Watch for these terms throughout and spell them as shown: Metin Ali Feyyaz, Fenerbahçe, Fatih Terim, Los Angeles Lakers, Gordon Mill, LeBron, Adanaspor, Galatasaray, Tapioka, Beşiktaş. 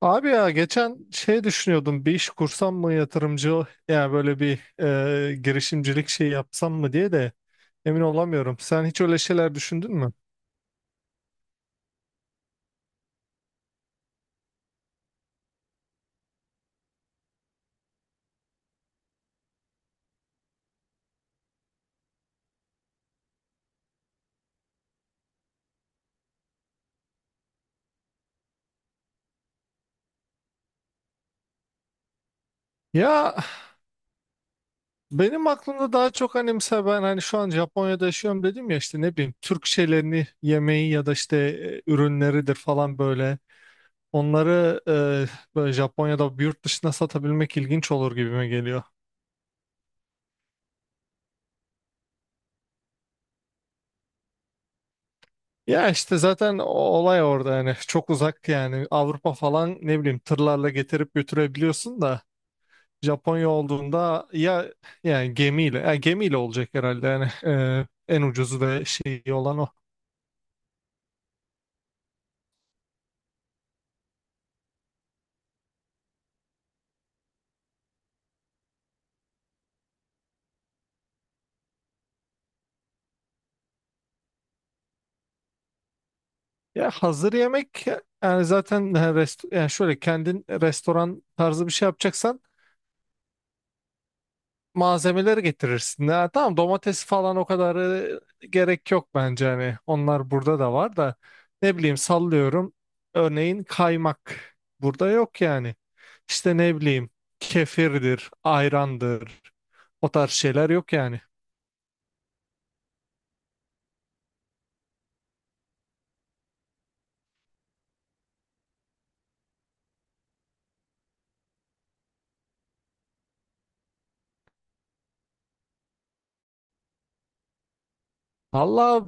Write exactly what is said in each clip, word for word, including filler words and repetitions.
Abi ya geçen şey düşünüyordum bir iş kursam mı yatırımcı yani böyle bir e, girişimcilik şey yapsam mı diye de emin olamıyorum. Sen hiç öyle şeyler düşündün mü? Ya benim aklımda daha çok hani mesela ben hani şu an Japonya'da yaşıyorum dedim ya işte ne bileyim Türk şeylerini yemeği ya da işte e, ürünleridir falan böyle. Onları e, böyle Japonya'da yurt dışına satabilmek ilginç olur gibime geliyor. Ya işte zaten o olay orada yani çok uzak yani Avrupa falan ne bileyim tırlarla getirip götürebiliyorsun da Japonya olduğunda ya yani gemiyle ya gemiyle olacak herhalde yani e, en ucuzu ve şeyi olan o. Ya hazır yemek yani zaten e, rest, yani şöyle kendin restoran tarzı bir şey yapacaksan malzemeleri getirirsin. Ha, tamam domates falan o kadar e, gerek yok bence hani onlar burada da var da ne bileyim sallıyorum örneğin kaymak burada yok yani İşte ne bileyim kefirdir ayrandır o tarz şeyler yok yani. Valla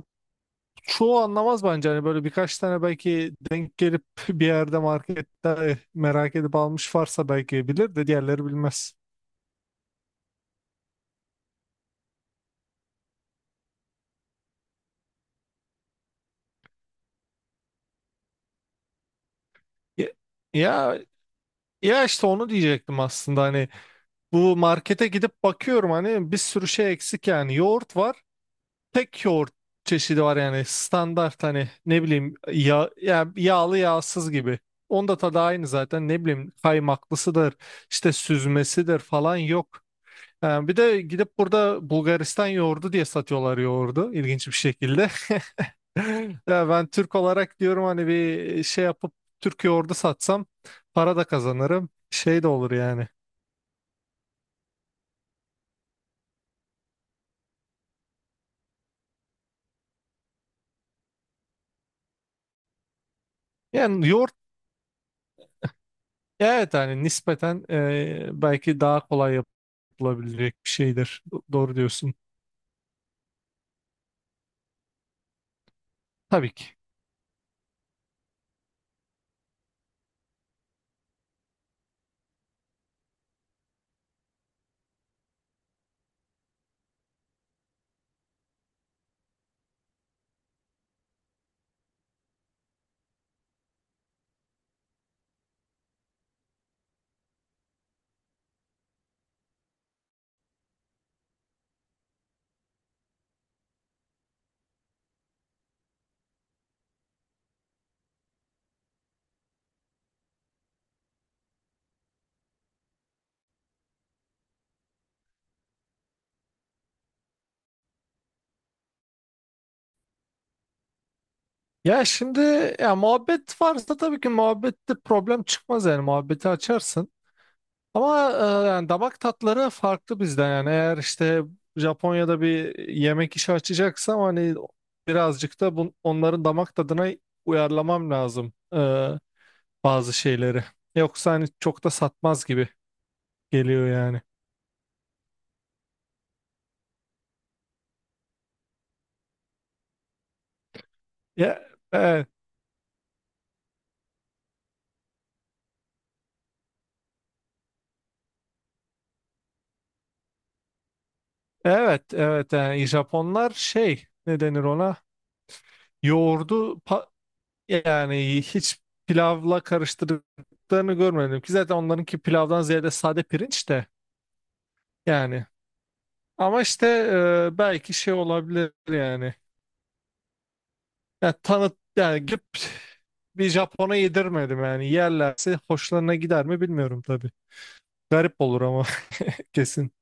çoğu anlamaz bence hani böyle birkaç tane belki denk gelip bir yerde markette merak edip almış varsa belki bilir de diğerleri bilmez. Ya, ya Ya işte onu diyecektim aslında hani bu markete gidip bakıyorum hani bir sürü şey eksik yani yoğurt var tek yoğurt çeşidi var yani standart hani ne bileyim ya, ya yağlı yağsız gibi onda da tadı aynı zaten ne bileyim kaymaklısıdır işte süzmesidir falan yok. Yani bir de gidip burada Bulgaristan yoğurdu diye satıyorlar yoğurdu ilginç bir şekilde. Ya ben Türk olarak diyorum hani bir şey yapıp Türk yoğurdu satsam para da kazanırım şey de olur yani. Yani yoğurt evet hani nispeten e, belki daha kolay yapılabilecek bir şeydir. Do- Doğru diyorsun. Tabii ki. Ya şimdi ya muhabbet varsa tabii ki muhabbette problem çıkmaz yani muhabbeti açarsın. Ama e, yani damak tatları farklı bizden yani eğer işte Japonya'da bir yemek işi açacaksam hani birazcık da bun, onların damak tadına uyarlamam lazım e, bazı şeyleri. Yoksa hani çok da satmaz gibi geliyor yani. Ya, evet. Evet, evet yani Japonlar şey ne denir ona? Yoğurdu pa- yani hiç pilavla karıştırdıklarını görmedim ki zaten onlarınki pilavdan ziyade sade pirinç de yani. Ama işte e, belki şey olabilir yani. Ya tanıt yani gidip bir Japon'a yedirmedim yani yerlerse hoşlarına gider mi bilmiyorum tabii. Garip olur ama kesin.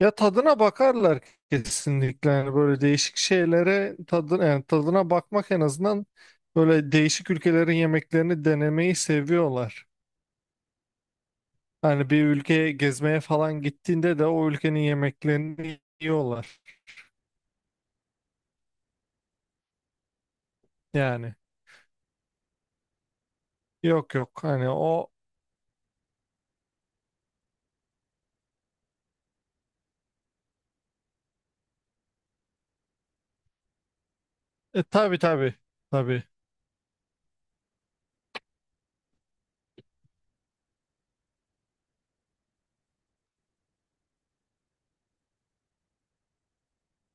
Ya tadına bakarlar kesinlikle yani böyle değişik şeylere tadın yani tadına bakmak en azından böyle değişik ülkelerin yemeklerini denemeyi seviyorlar. Hani bir ülkeye gezmeye falan gittiğinde de o ülkenin yemeklerini yiyorlar. Yani yok yok hani o e, tabii tabii tabii.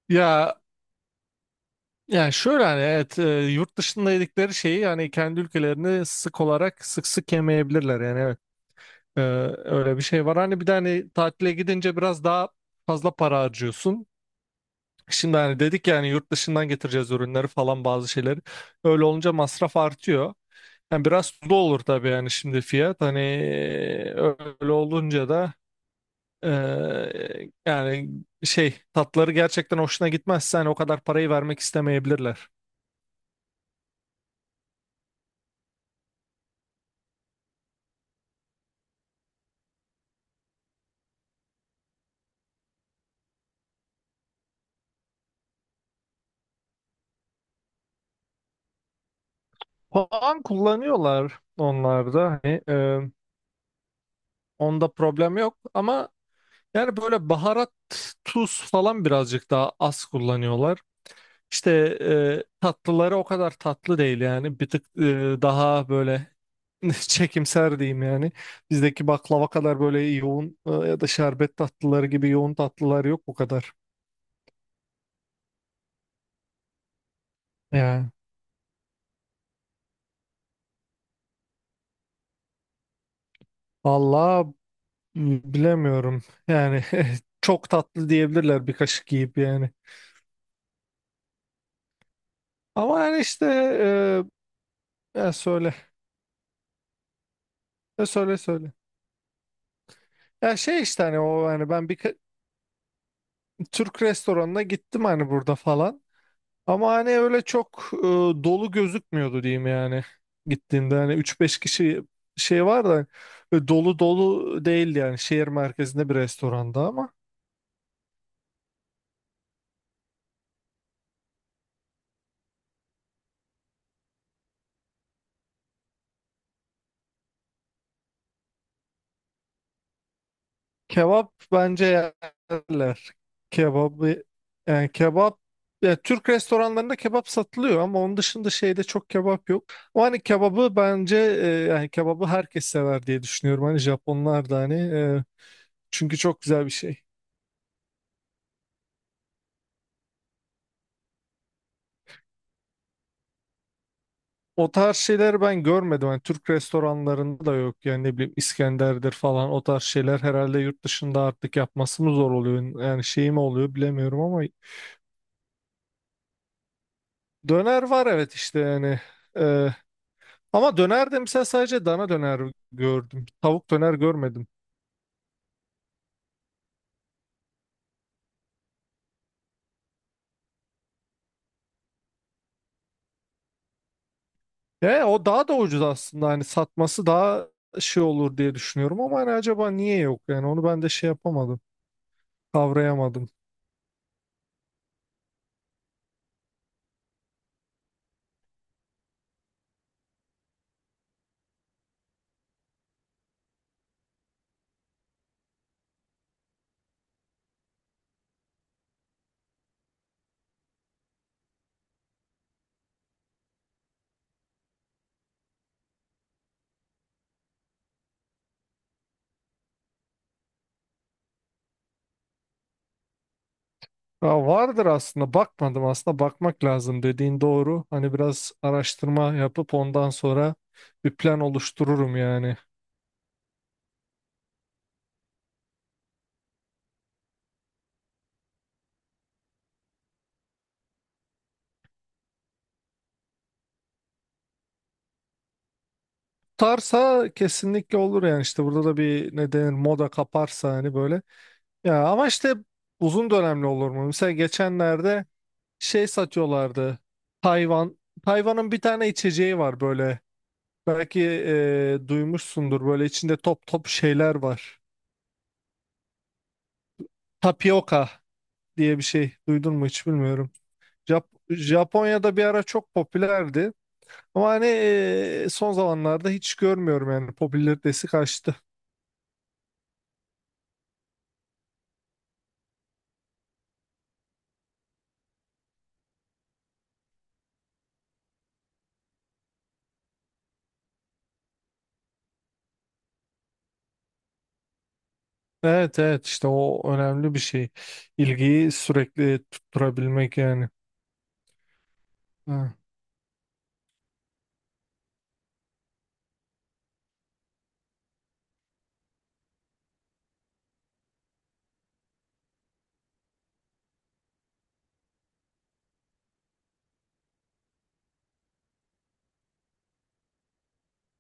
Ya yani şöyle hani evet e, yurt dışında yedikleri şeyi yani kendi ülkelerini sık olarak sık sık yemeyebilirler yani evet. Ee, öyle bir şey var. Hani bir de hani tatile gidince biraz daha fazla para harcıyorsun. Şimdi hani dedik yani yurt dışından getireceğiz ürünleri falan bazı şeyleri. Öyle olunca masraf artıyor. Yani biraz tuzlu olur tabii yani şimdi fiyat. Hani e, öyle olunca da eee, yani şey tatları gerçekten hoşuna gitmezse hani o kadar parayı vermek istemeyebilirler. Puan kullanıyorlar onlar da. Hani, eee, onda problem yok ama Yani böyle baharat, tuz falan birazcık daha az kullanıyorlar. İşte e, tatlıları o kadar tatlı değil yani. Bir tık e, daha böyle çekimser diyeyim yani. Bizdeki baklava kadar böyle yoğun e, ya da şerbet tatlıları gibi yoğun tatlılar yok bu kadar. Yani valla bilemiyorum. Yani çok tatlı diyebilirler bir kaşık yiyip yani. Ama yani işte e, ya söyle. Ya söyle söyle. Ya şey işte hani o hani ben bir Türk restoranına gittim hani burada falan. Ama hani öyle çok e, dolu gözükmüyordu diyeyim yani. Gittiğimde hani üç beş kişi şey var da e, dolu dolu değildi yani şehir merkezinde bir restoranda ama kebap bence yerler. Kebabı yani kebap ya Türk restoranlarında kebap satılıyor ama onun dışında şeyde çok kebap yok. O hani kebabı bence e, yani kebabı herkes sever diye düşünüyorum. Hani Japonlar da hani e, çünkü çok güzel bir şey. O tarz şeyler ben görmedim. Yani Türk restoranlarında da yok. Yani ne bileyim İskender'dir falan o tarz şeyler herhalde yurt dışında artık yapması mı zor oluyor? Yani şey mi oluyor bilemiyorum ama döner var evet işte yani. Ee, ama döner de mesela sadece dana döner gördüm. Tavuk döner görmedim. E, o daha da ucuz aslında. Hani satması daha şey olur diye düşünüyorum ama hani acaba niye yok? Yani onu ben de şey yapamadım. Kavrayamadım. Ya vardır aslında bakmadım aslında bakmak lazım dediğin doğru. Hani biraz araştırma yapıp ondan sonra bir plan oluştururum yani. Tutarsa kesinlikle olur yani işte burada da bir ne denir moda kaparsa hani böyle. Ya ama işte uzun dönemli olur mu? Mesela geçenlerde şey satıyorlardı. Tayvan. Tayvan'ın bir tane içeceği var böyle. Belki e, duymuşsundur böyle içinde top top şeyler var. Tapioka diye bir şey duydun mu hiç bilmiyorum. Jap- Japonya'da bir ara çok popülerdi. Ama hani e, son zamanlarda hiç görmüyorum yani popülaritesi kaçtı. Evet evet işte o önemli bir şey. İlgiyi sürekli tutturabilmek yani. Ha,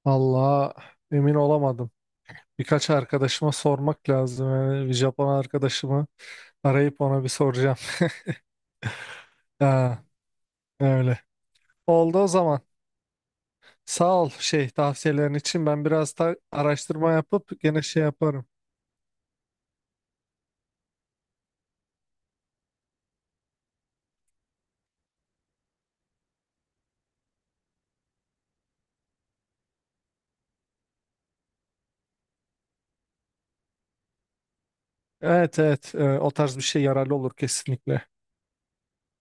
Vallahi emin olamadım. Birkaç arkadaşıma sormak lazım. Yani bir Japon arkadaşımı arayıp ona bir soracağım. Ha, öyle. Oldu o zaman. Sağ ol şey tavsiyelerin için. Ben biraz da araştırma yapıp gene şey yaparım. Evet evet e, o tarz bir şey yararlı olur kesinlikle.